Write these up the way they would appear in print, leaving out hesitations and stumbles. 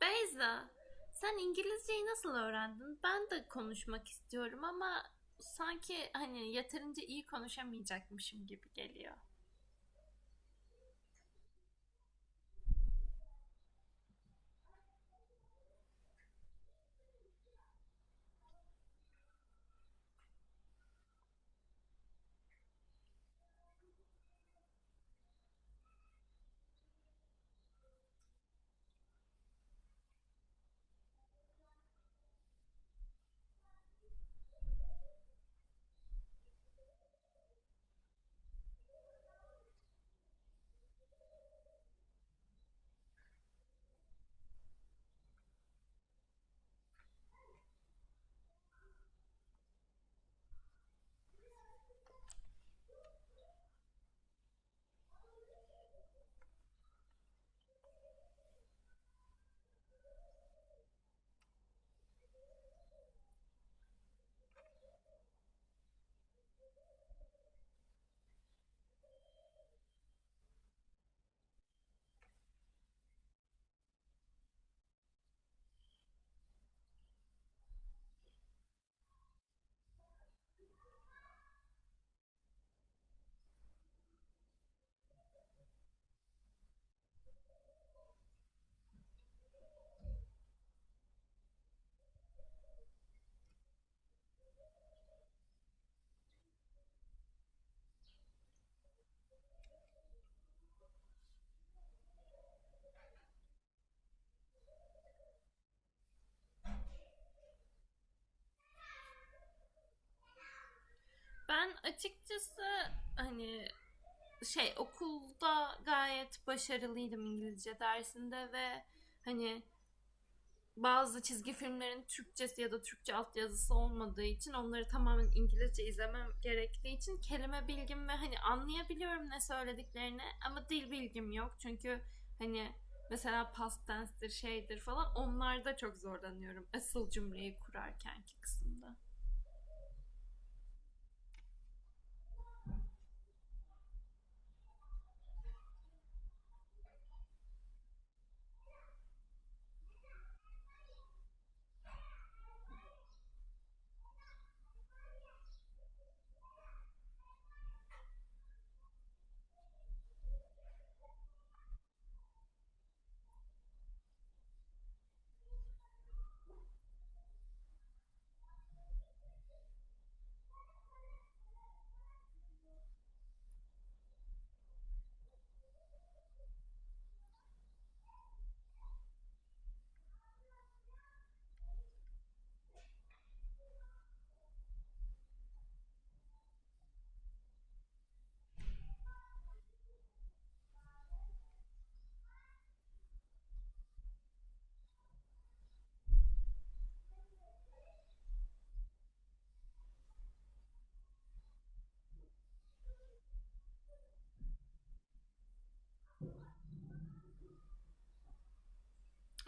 Beyza, sen İngilizceyi nasıl öğrendin? Ben de konuşmak istiyorum ama sanki hani yeterince iyi konuşamayacakmışım gibi geliyor. Ben açıkçası hani şey okulda gayet başarılıydım İngilizce dersinde ve hani bazı çizgi filmlerin Türkçesi ya da Türkçe altyazısı olmadığı için onları tamamen İngilizce izlemem gerektiği için kelime bilgim ve hani anlayabiliyorum ne söylediklerini, ama dil bilgim yok. Çünkü hani mesela past tense'dir şeydir falan onlarda çok zorlanıyorum, asıl cümleyi kurarkenki kısımda.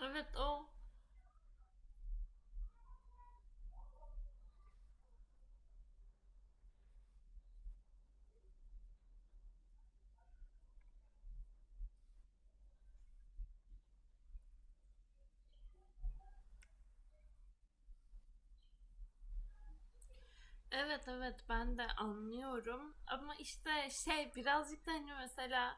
Evet. Evet evet, ben de anlıyorum ama işte şey birazcık da hani mesela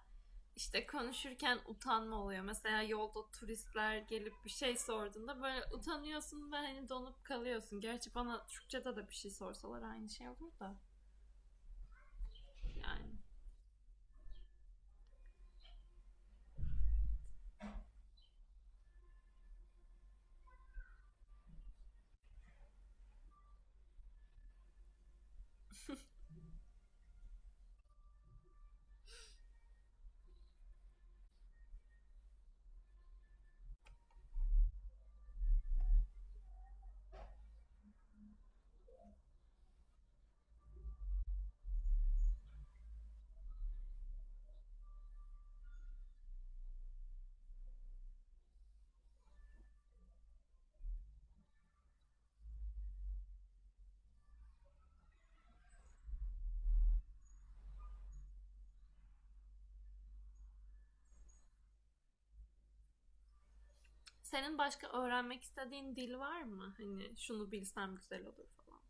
işte konuşurken utanma oluyor. Mesela yolda turistler gelip bir şey sorduğunda böyle utanıyorsun ve hani donup kalıyorsun. Gerçi bana Türkçe'de de bir şey sorsalar aynı şey olur da, yani. Senin başka öğrenmek istediğin dil var mı? Hani şunu bilsem güzel olur falan.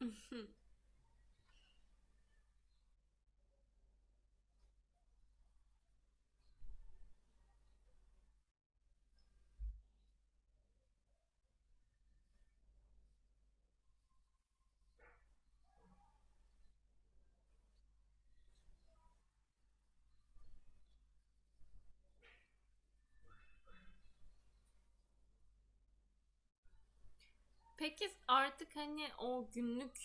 Peki artık hani o günlük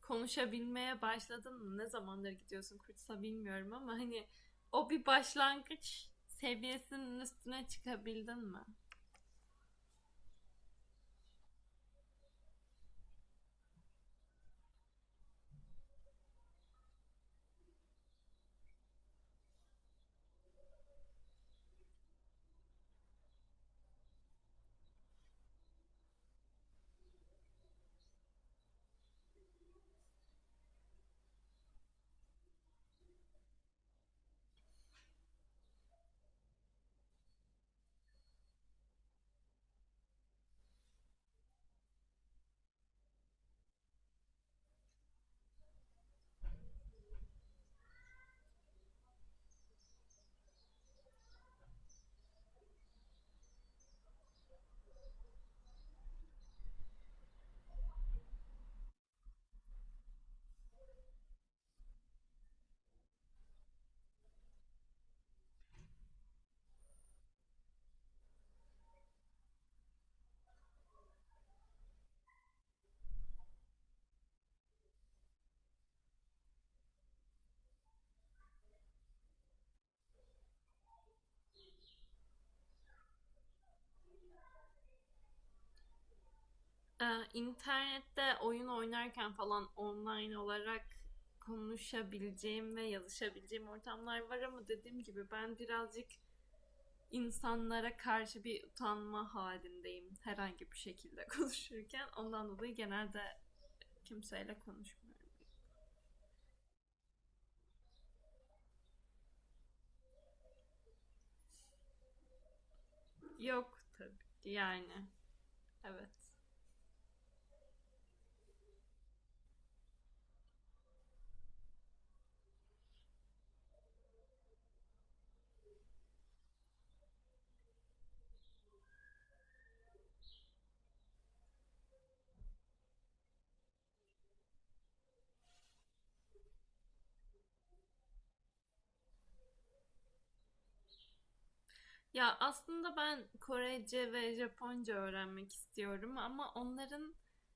konuşabilmeye başladın mı? Ne zamandır gidiyorsun kursa bilmiyorum, ama hani o bir başlangıç seviyesinin üstüne çıkabildin mi? Ee, internette oyun oynarken falan online olarak konuşabileceğim ve yazışabileceğim ortamlar var, ama dediğim gibi ben birazcık insanlara karşı bir utanma halindeyim herhangi bir şekilde konuşurken. Ondan dolayı genelde kimseyle konuşmuyorum. Yok tabii, yani evet. Ya aslında ben Korece ve Japonca öğrenmek istiyorum ama onların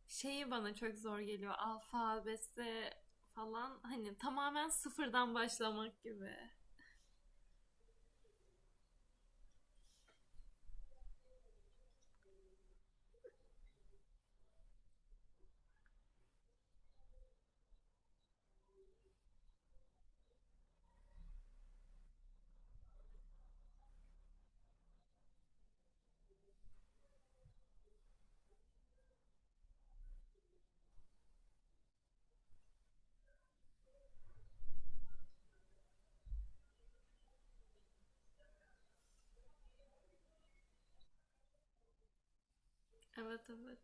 şeyi bana çok zor geliyor. Alfabesi falan hani tamamen sıfırdan başlamak gibi. Evet, evet.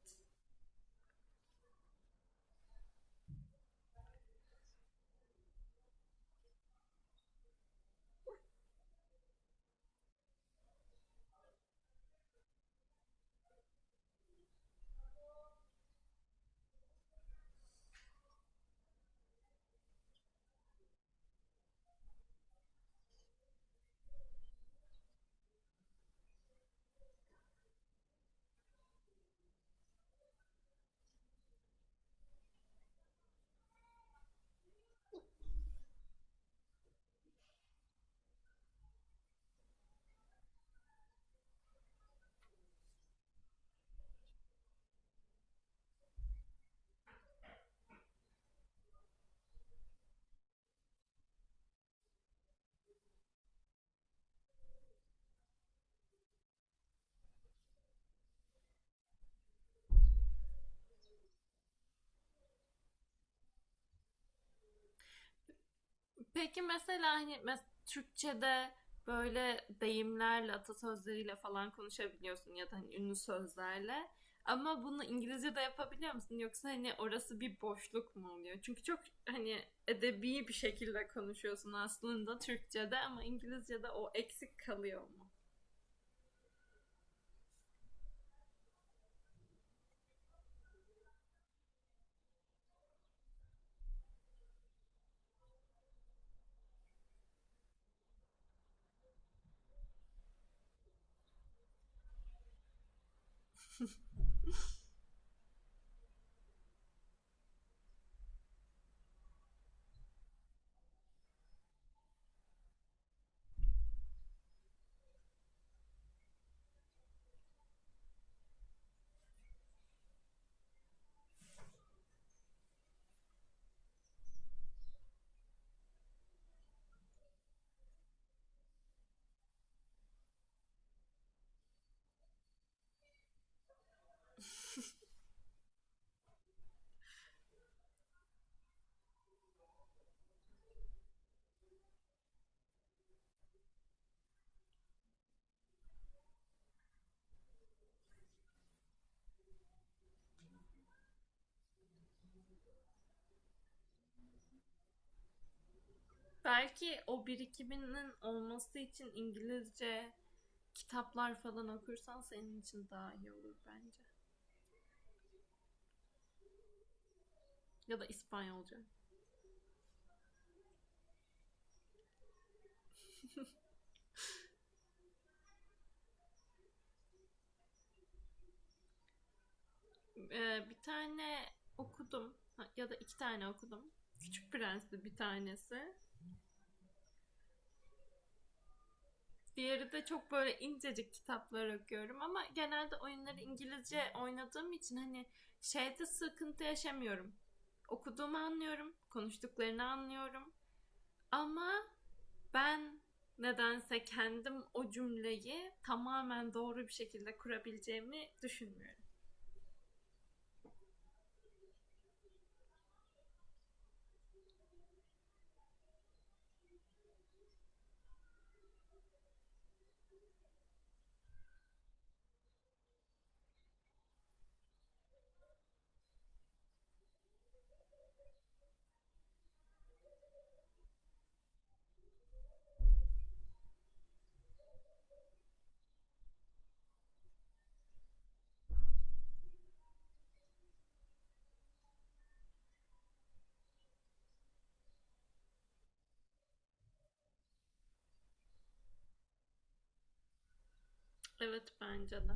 Peki mesela hani Türkçe'de böyle deyimlerle, atasözleriyle falan konuşabiliyorsun ya da hani ünlü sözlerle. Ama bunu İngilizce'de yapabiliyor musun? Yoksa hani orası bir boşluk mu oluyor? Çünkü çok hani edebi bir şekilde konuşuyorsun aslında Türkçe'de, ama İngilizce'de o eksik kalıyor mu? Belki o birikiminin olması için İngilizce kitaplar falan okursan senin için daha iyi olur bence. Ya da İspanyolca. Bir tane okudum, ya da iki tane okudum. Küçük Prens'ti bir tanesi. Diğeri de çok böyle incecik kitaplar okuyorum, ama genelde oyunları İngilizce oynadığım için hani şeyde sıkıntı yaşamıyorum. Okuduğumu anlıyorum, konuştuklarını anlıyorum. Ama ben nedense kendim o cümleyi tamamen doğru bir şekilde kurabileceğimi düşünmüyorum. Evet, bence de.